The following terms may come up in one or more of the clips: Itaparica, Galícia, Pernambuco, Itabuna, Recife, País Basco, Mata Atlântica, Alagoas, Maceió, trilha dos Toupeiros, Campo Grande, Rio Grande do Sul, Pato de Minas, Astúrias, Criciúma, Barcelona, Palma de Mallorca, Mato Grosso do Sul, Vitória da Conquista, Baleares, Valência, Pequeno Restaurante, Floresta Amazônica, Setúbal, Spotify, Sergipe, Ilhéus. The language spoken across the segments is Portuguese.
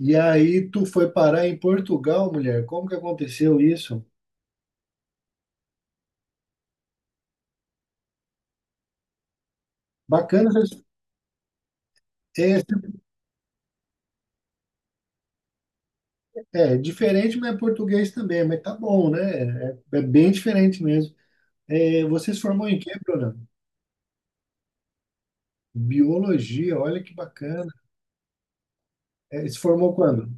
E aí tu foi parar em Portugal, mulher. Como que aconteceu isso? Bacana, é, é diferente, mas é português também, mas tá bom, né? É, é bem diferente mesmo. É, você se formou em quê, Bruna? Biologia, olha que bacana. É, se formou quando?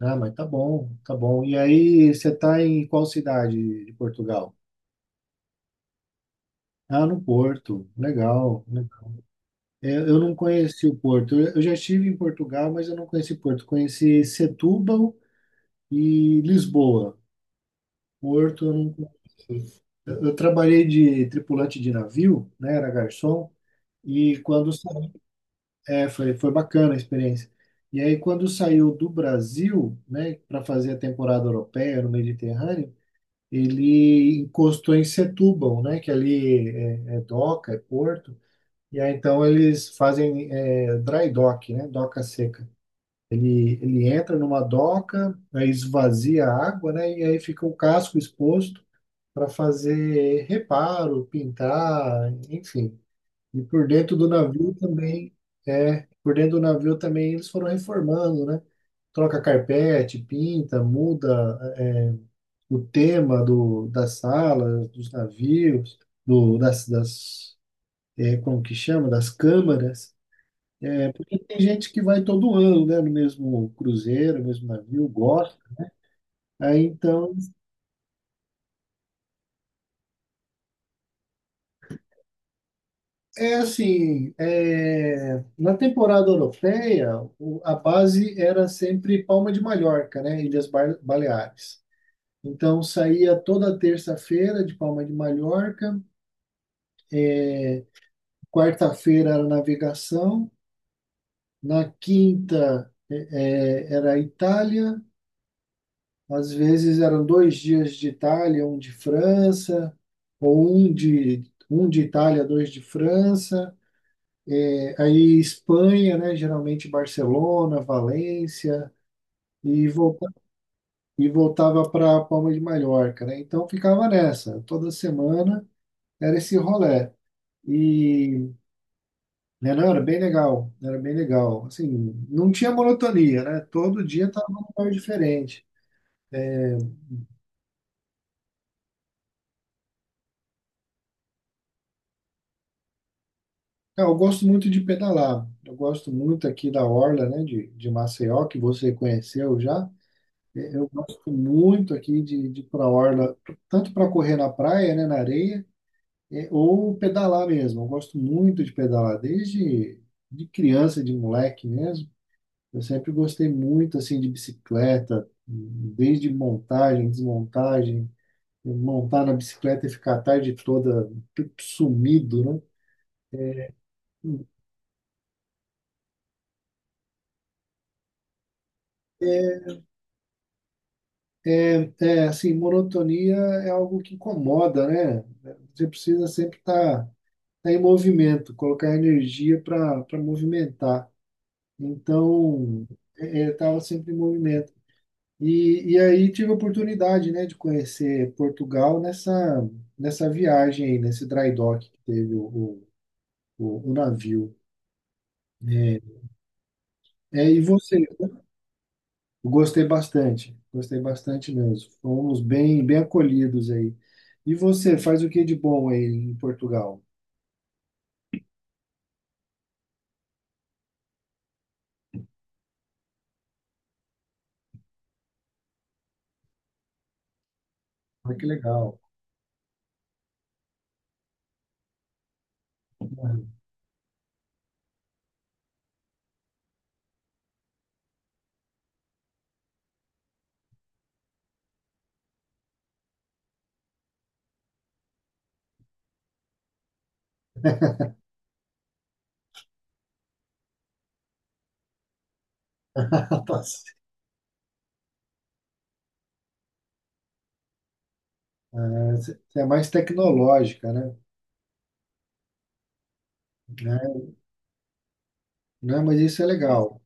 Ah, mas tá bom, tá bom. E aí, você tá em qual cidade de Portugal? Ah, no Porto. Legal, legal. É, eu não conheci o Porto. Eu já estive em Portugal, mas eu não conheci Porto. Conheci Setúbal e Lisboa. Porto, eu não conheço. Eu trabalhei de tripulante de navio, né? Era garçom. E quando sa- é, foi, foi bacana a experiência. E aí, quando saiu do Brasil, né, para fazer a temporada europeia no Mediterrâneo, ele encostou em Setúbal, né, que ali é doca, é porto. E aí, então, eles fazem dry dock, né, doca seca. Ele entra numa doca, aí esvazia a água, né, e aí fica o casco exposto. Para fazer reparo, pintar, enfim. E por dentro do navio também, por dentro do navio também eles foram reformando, né? Troca carpete, pinta, muda, é, o tema do, das salas, dos navios, do, das, das, é, como que chama? Das câmaras. Porque tem gente que vai todo ano, né? No mesmo cruzeiro, no mesmo navio, gosta. Aí então. É assim, na temporada europeia, a base era sempre Palma de Mallorca, né? Ilhas Baleares. Então saía toda terça-feira de Palma de Mallorca, quarta-feira era navegação, na quinta era Itália, às vezes eram dois dias de Itália, um de França, ou um de Itália, dois de França. É, aí Espanha, né? Geralmente Barcelona, Valência. e, volta, e voltava para Palma de Mallorca, né? Então ficava nessa, toda semana era esse rolê. E né? Não, era bem legal, era bem legal. Assim, não tinha monotonia, né? Todo dia estava num lugar diferente. Cara, eu gosto muito de pedalar. Eu gosto muito aqui da Orla, né, de Maceió, que você conheceu já. É, eu gosto muito aqui de ir para a Orla, tanto para correr na praia, né, na areia. É, ou pedalar mesmo. Eu gosto muito de pedalar, desde de criança, de moleque mesmo. Eu sempre gostei muito assim de bicicleta, desde montagem, desmontagem, montar na bicicleta e ficar a tarde toda sumido, né? É, é, assim, monotonia é algo que incomoda, né? Você precisa sempre estar em movimento, colocar energia para movimentar. Então, eu estava sempre em movimento. E aí tive a oportunidade, né, de conhecer Portugal nessa viagem aí, nesse dry dock que teve o navio. É, e você? Eu gostei bastante, gostei bastante mesmo. Fomos bem, bem acolhidos aí. E você, faz o que de bom aí em Portugal? Ah, que legal. Tá certo. Ah, você é mais tecnológica, né? Né? Não, mas isso é legal.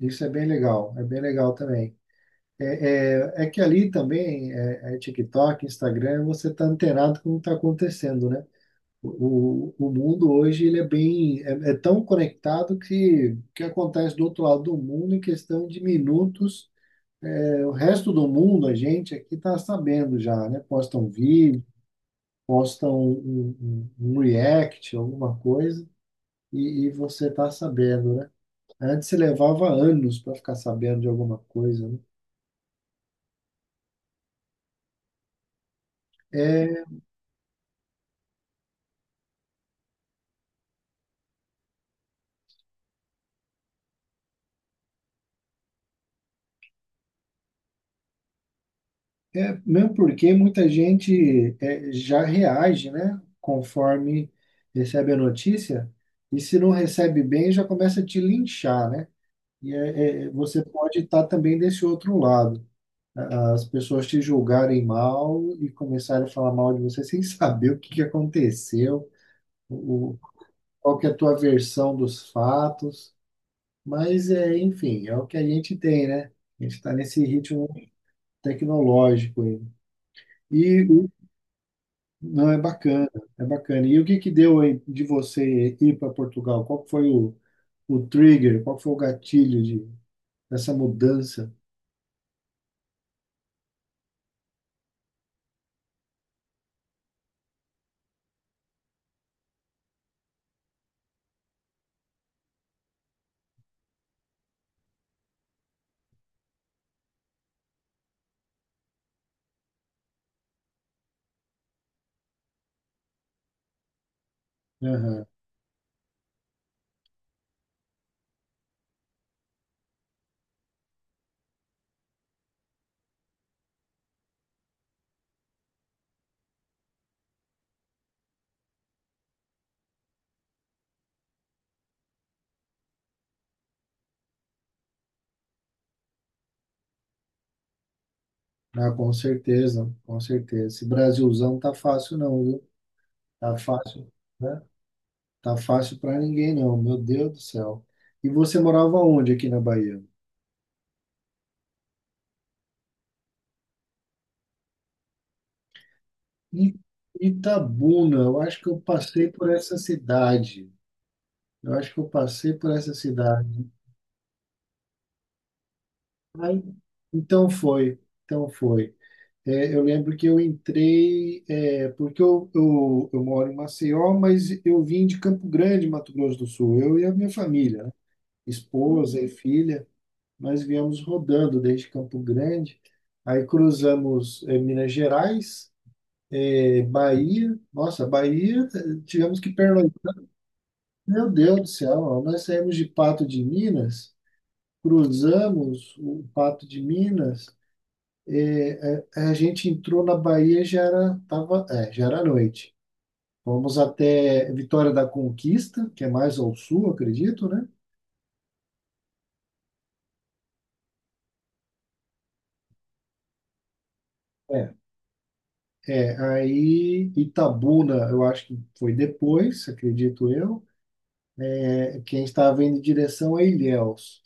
Isso é bem legal. É bem legal também. É, é que ali também é TikTok, Instagram, você está antenado com o que está acontecendo, né? O mundo hoje ele é bem é tão conectado que o que acontece do outro lado do mundo em questão de minutos, o resto do mundo, a gente aqui está sabendo já, né? Posta um vídeo, posta um react, alguma coisa, e você está sabendo, né? Antes se levava anos para ficar sabendo de alguma coisa, né? É, É, mesmo porque muita gente já reage, né, conforme recebe a notícia, e se não recebe bem, já começa a te linchar, né? E você pode estar também desse outro lado. As pessoas te julgarem mal e começarem a falar mal de você sem saber o que que aconteceu, o, qual que é a tua versão dos fatos, mas enfim, é o que a gente tem, né? A gente está nesse ritmo tecnológico aí. E Não, é bacana, é bacana. E o que que deu aí de você ir para Portugal? Qual que foi o trigger? Qual que foi o gatilho dessa mudança? Aham. Ah, com certeza, com certeza. Esse Brasilzão tá fácil não, viu? Tá fácil, né? Tá fácil para ninguém não, meu Deus do céu. E você morava onde aqui na Bahia? I- Itabuna, eu acho que eu passei por essa cidade. Eu acho que eu passei por essa cidade. Ai, então foi, então foi. É, eu lembro que eu entrei, porque eu moro em Maceió, mas eu vim de Campo Grande, Mato Grosso do Sul, eu e a minha família, né? Esposa e uhum, filha, nós viemos rodando desde Campo Grande, aí cruzamos, Minas Gerais, Bahia, nossa, Bahia, tivemos que pernoitar, meu Deus do céu, nós saímos de Pato de Minas, cruzamos o Pato de Minas, a gente entrou na Bahia, já era, tava, já era noite. Fomos até Vitória da Conquista, que é mais ao sul, acredito, né? É. É, aí Itabuna, eu acho que foi depois, acredito eu. É, quem estava indo em direção a Ilhéus.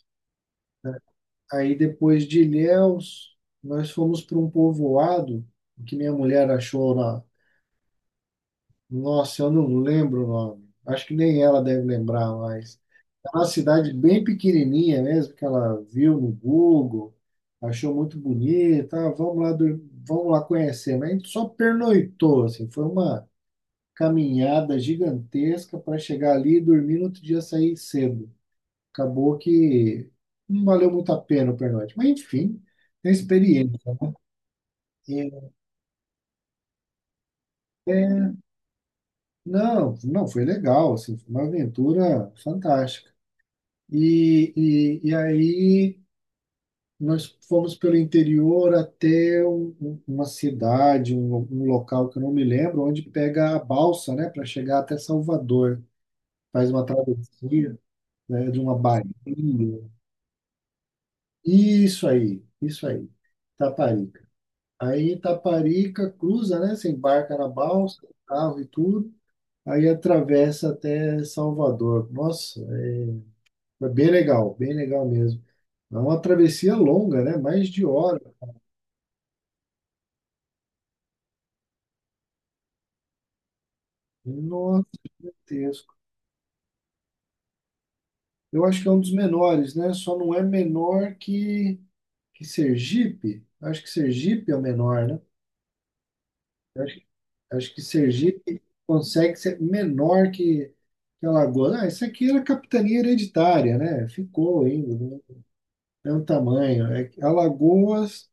Aí depois de Ilhéus, nós fomos para um povoado que minha mulher achou na. Nossa, eu não lembro o nome. Acho que nem ela deve lembrar mais. Era uma cidade bem pequenininha mesmo, que ela viu no Google, achou muito bonita, ah, vamos lá, vamos lá conhecer. Mas a gente só pernoitou, assim, foi uma caminhada gigantesca para chegar ali e dormir no outro dia sair cedo. Acabou que não valeu muito a pena o pernoite. Mas enfim, é experiência. E- é, não, não, foi legal, assim, foi uma aventura fantástica. E, e aí nós fomos pelo interior até uma cidade, um local que eu não me lembro, onde pega a balsa, né, para chegar até Salvador. Faz uma travessia, né, de uma baía. Isso aí, Itaparica. Aí Itaparica cruza, né? Você embarca na balsa, carro e tudo. Aí atravessa até Salvador. Nossa, é, foi bem legal mesmo. É uma travessia longa, né? Mais de hora. Nossa, eu acho que é um dos menores, né? Só não é menor que Sergipe. Acho que Sergipe é o menor, né? Eu acho que Sergipe consegue ser menor que Alagoas. Ah, isso aqui era capitania hereditária, né? Ficou ainda, né? É um tamanho. É que Alagoas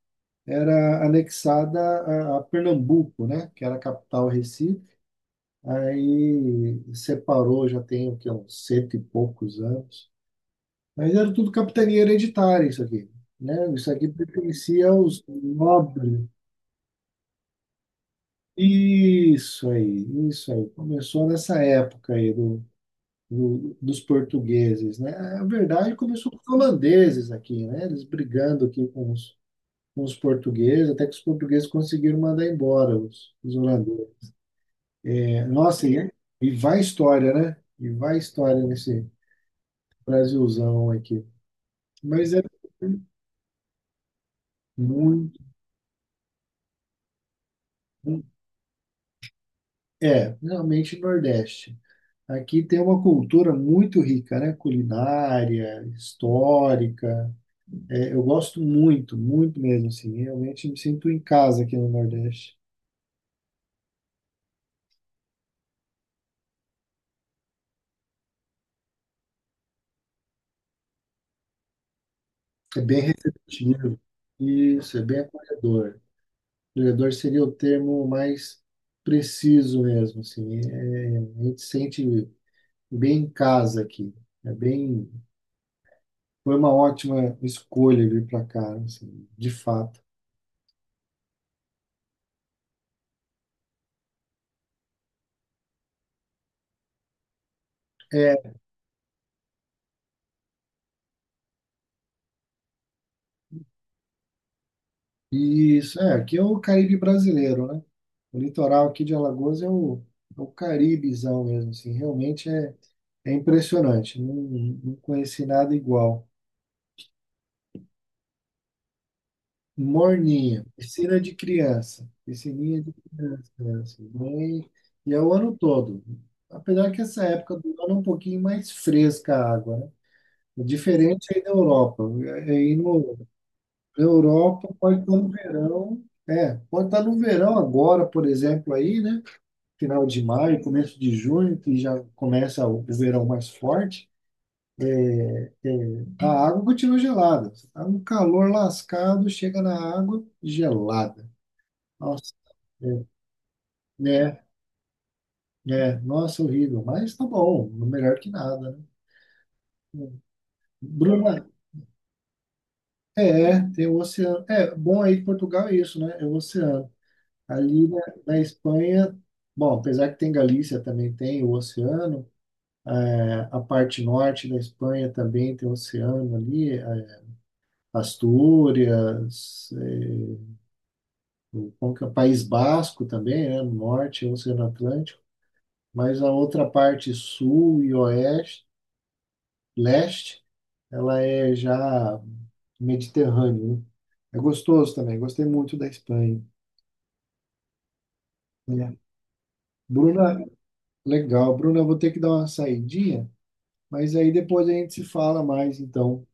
era anexada a Pernambuco, né? Que era a capital Recife. Aí separou, já tem o quê? Uns cento e poucos anos. Mas era tudo capitania hereditária isso aqui, né? Isso aqui pertencia aos nobres. Isso aí, isso aí. Começou nessa época aí dos portugueses, né? Na verdade, começou com os holandeses aqui, né? Eles brigando aqui com os portugueses, até que os portugueses conseguiram mandar embora os holandeses. É, nossa, e vai história, né? E vai história nesse Brasilzão aqui. Mas é muito, realmente Nordeste. Aqui tem uma cultura muito rica, né? Culinária, histórica. É, eu gosto muito, muito mesmo, assim. Realmente me sinto em casa aqui no Nordeste. É bem receptivo. Isso, é bem acolhedor. Acolhedor seria o termo mais preciso mesmo, assim. É, a gente sente bem em casa aqui. É bem, foi uma ótima escolha vir para cá, assim, de fato. É, isso, aqui é o Caribe brasileiro, né? O litoral aqui de Alagoas é o Caribezão mesmo, assim, realmente é impressionante, não, não conheci nada igual. Morninha, piscina de criança, piscininha de criança, né, assim, bem, e é o ano todo, apesar que essa época do ano é um pouquinho mais fresca a água, né? É diferente aí da Europa, aí no, na Europa pode estar no verão, pode estar no verão agora, por exemplo, aí, né? Final de maio, começo de junho, que já começa o verão mais forte, a água continua gelada. Você tá um calor lascado, chega na água gelada. Nossa, né? É, nossa, horrível, mas tá bom, melhor que nada, né? Bruna, tem o oceano. É, bom aí que Portugal é isso, né? É o oceano. Ali na Espanha, bom, apesar que tem Galícia, também tem o oceano, a parte norte da Espanha também tem o oceano ali, Astúrias, o como que é? País Basco também, né? No Norte, Oceano Atlântico, mas a outra parte sul e oeste, leste, ela é já Mediterrâneo, né? É gostoso também, gostei muito da Espanha, né? Bruna, legal. Bruna, eu vou ter que dar uma saidinha, mas aí depois a gente se fala mais, então.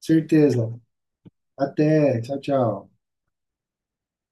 Certeza. Até. Tchau, tchau.